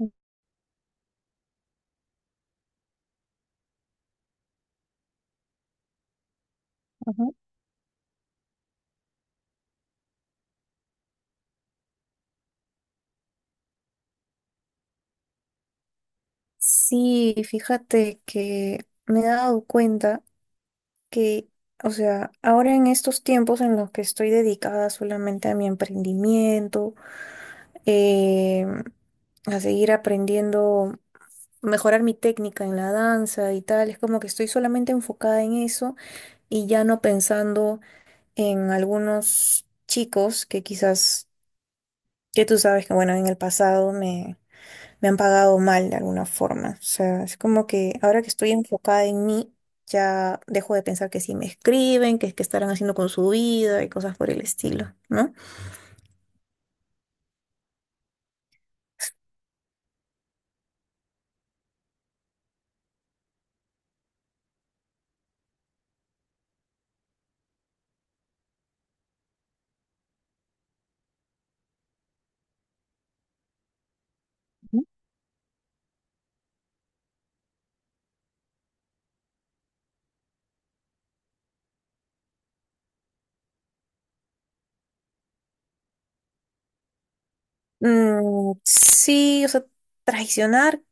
Ajá. Sí, fíjate que me he dado cuenta que, o sea, ahora en estos tiempos en los que estoy dedicada solamente a mi emprendimiento, eh, a seguir aprendiendo, mejorar mi técnica en la danza y tal, es como que estoy solamente enfocada en eso y ya no pensando en algunos chicos que quizás, que tú sabes que, bueno, en el pasado me han pagado mal de alguna forma. O sea, es como que ahora que estoy enfocada en mí, ya dejo de pensar que si me escriben, que es que estarán haciendo con su vida y cosas por el estilo, ¿no? Mm, sí, o sea, traicionar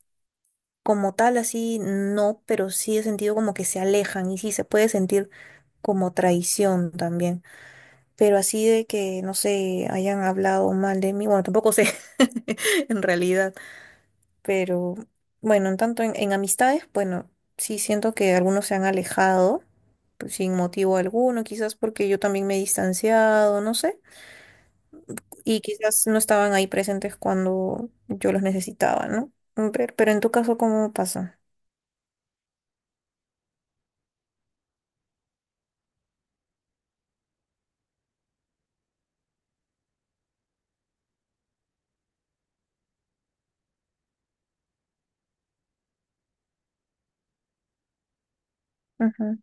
como tal, así no, pero sí he sentido como que se alejan y sí se puede sentir como traición también. Pero así de que, no sé, hayan hablado mal de mí, bueno, tampoco sé en realidad. Pero bueno, en tanto en amistades, bueno, sí siento que algunos se han alejado pues, sin motivo alguno, quizás porque yo también me he distanciado, no sé, y quizás no estaban ahí presentes cuando yo los necesitaba, ¿no? Mm, pero en tu caso, ¿cómo pasa? Ujú.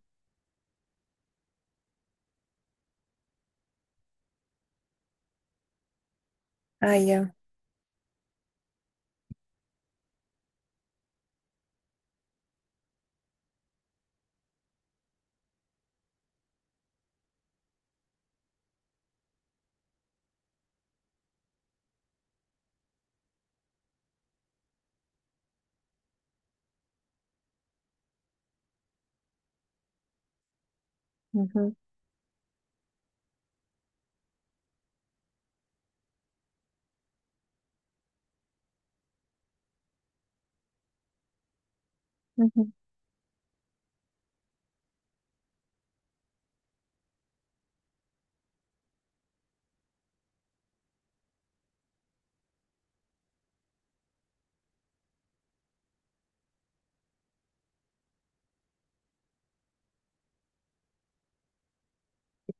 Ah, ya. Ujú, ujú.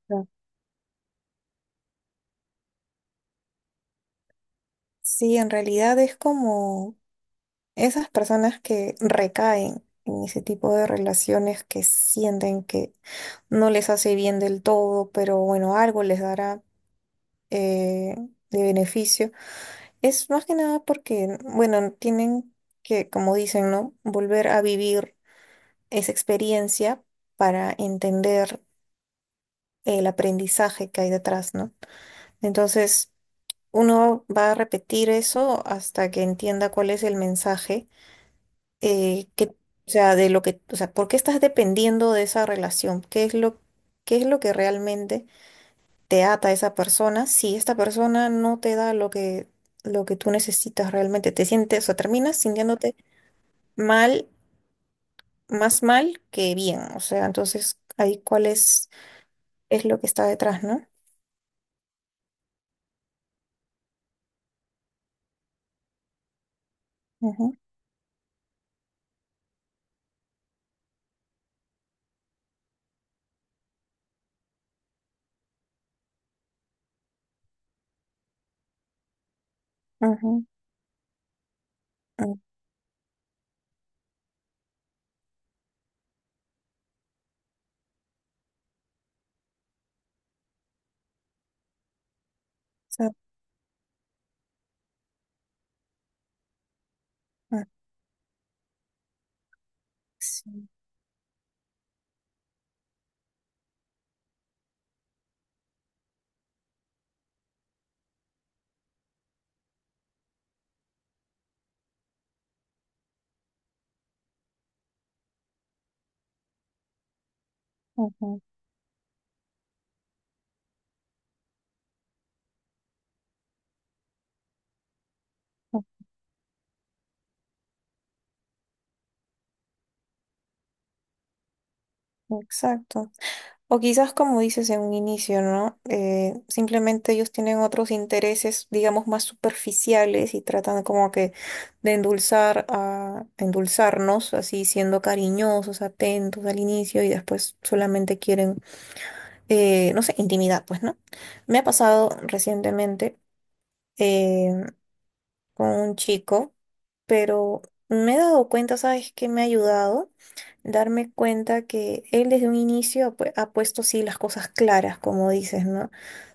Ya. Sí, en realidad es como... Esas personas que recaen en ese tipo de relaciones que sienten que no les hace bien del todo, pero bueno, algo les dará eh, de beneficio, es más que nada porque, bueno, tienen que, como dicen, ¿no? Volver a vivir esa experiencia para entender el aprendizaje que hay detrás, ¿no? Entonces, uno va a repetir eso hasta que entienda cuál es el mensaje que, o sea, de lo que, o sea, ¿por qué estás dependiendo de esa relación? Qué es lo que realmente te ata a esa persona? Si esta persona no te da lo que tú necesitas realmente, te sientes, o terminas sintiéndote mal, más mal que bien. O sea, entonces ahí cuál es lo que está detrás, ¿no? Ujú, ujú, ujú, exacto, ah, sí, ujú, ujú, exacto. O quizás, como dices en un inicio, ¿no? Simplemente ellos tienen otros intereses, digamos, más superficiales y tratan como que de endulzar a endulzarnos, así siendo cariñosos, atentos al inicio y después solamente quieren, no sé, intimidad, pues, ¿no? Me ha pasado recientemente. eh, con un chico, pero me he dado cuenta, ¿sabes qué me ha ayudado? Darme cuenta que él desde un inicio ha puesto sí las cosas claras, como dices, ¿no?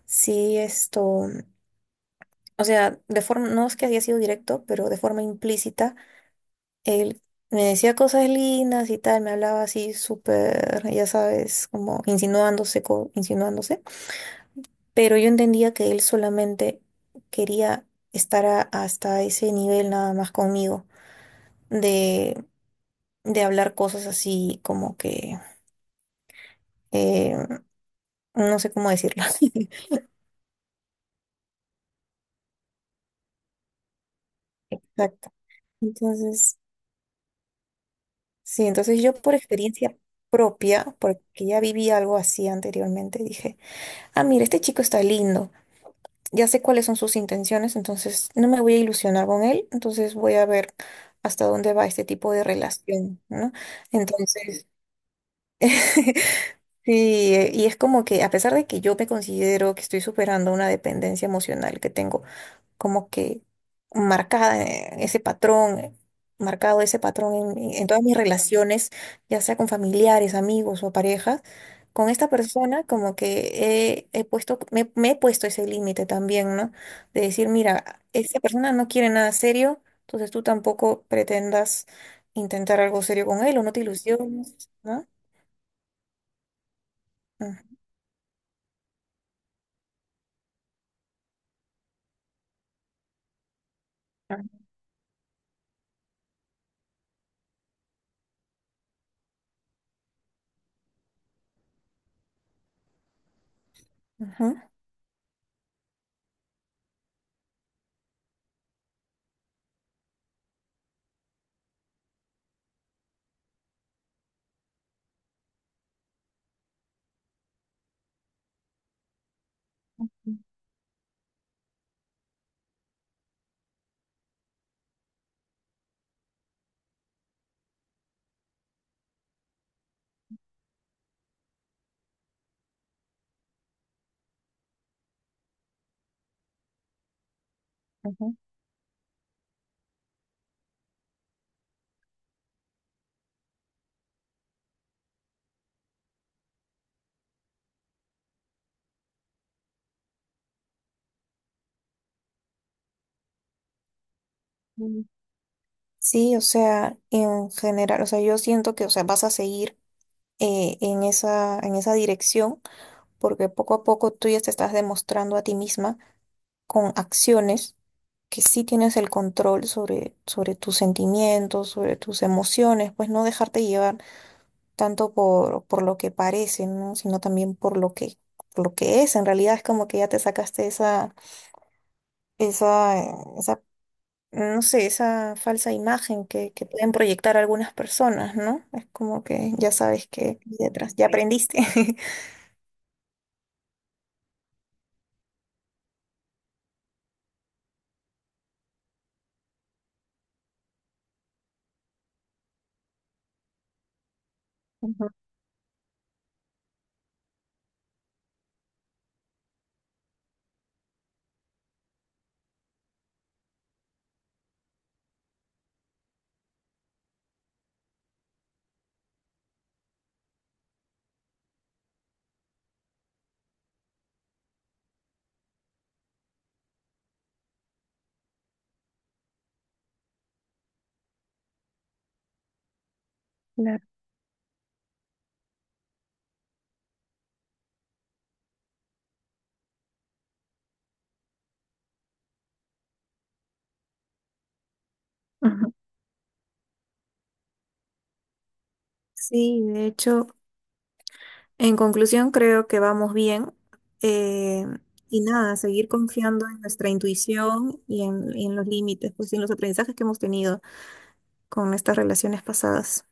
Sí, esto, o sea, de forma, no es que haya sido directo, pero de forma implícita, él me decía cosas lindas y tal, me hablaba así súper, ya sabes, como insinuándose, insinuándose, pero yo entendía que él solamente quería hasta ese nivel nada más conmigo. de, de hablar cosas así como que eh, no sé cómo decirlo. Exacto. Entonces, sí, entonces yo por experiencia propia, porque ya viví algo así anteriormente, dije, ah, mira, este chico está lindo, ya sé cuáles son sus intenciones, entonces no me voy a ilusionar con él, entonces voy a ver hasta dónde va este tipo de relación, ¿no? Entonces... Sí, y es como que a pesar de que yo me considero que estoy superando una dependencia emocional que tengo como que marcada ese patrón, marcado ese patrón en todas mis relaciones, ya sea con familiares, amigos o parejas. Con esta persona como que he puesto, me he puesto ese límite también, ¿no? De decir, mira, esta persona no quiere nada serio, entonces tú tampoco pretendas intentar algo serio con él o no te ilusiones, ¿no? Ujú, ujú, ujú. Sí, o sea, en general, o sea, yo siento que, o sea, vas a seguir en esa dirección, porque poco a poco tú ya te estás demostrando a ti misma con acciones que sí tienes el control sobre, sobre tus sentimientos, sobre tus emociones, pues no dejarte llevar tanto por lo que parece, ¿no? Sino también por lo que es. En realidad es como que ya te sacaste esa, esa, esa, no sé, esa falsa imagen que pueden proyectar algunas personas, ¿no? Es como que ya sabes que hay detrás, ya aprendiste. Ujú. Claro. Ujú. Sí, de hecho, en conclusión creo que vamos bien. eh, y nada, seguir confiando en nuestra intuición y en los límites, pues y en los aprendizajes que hemos tenido con estas relaciones pasadas.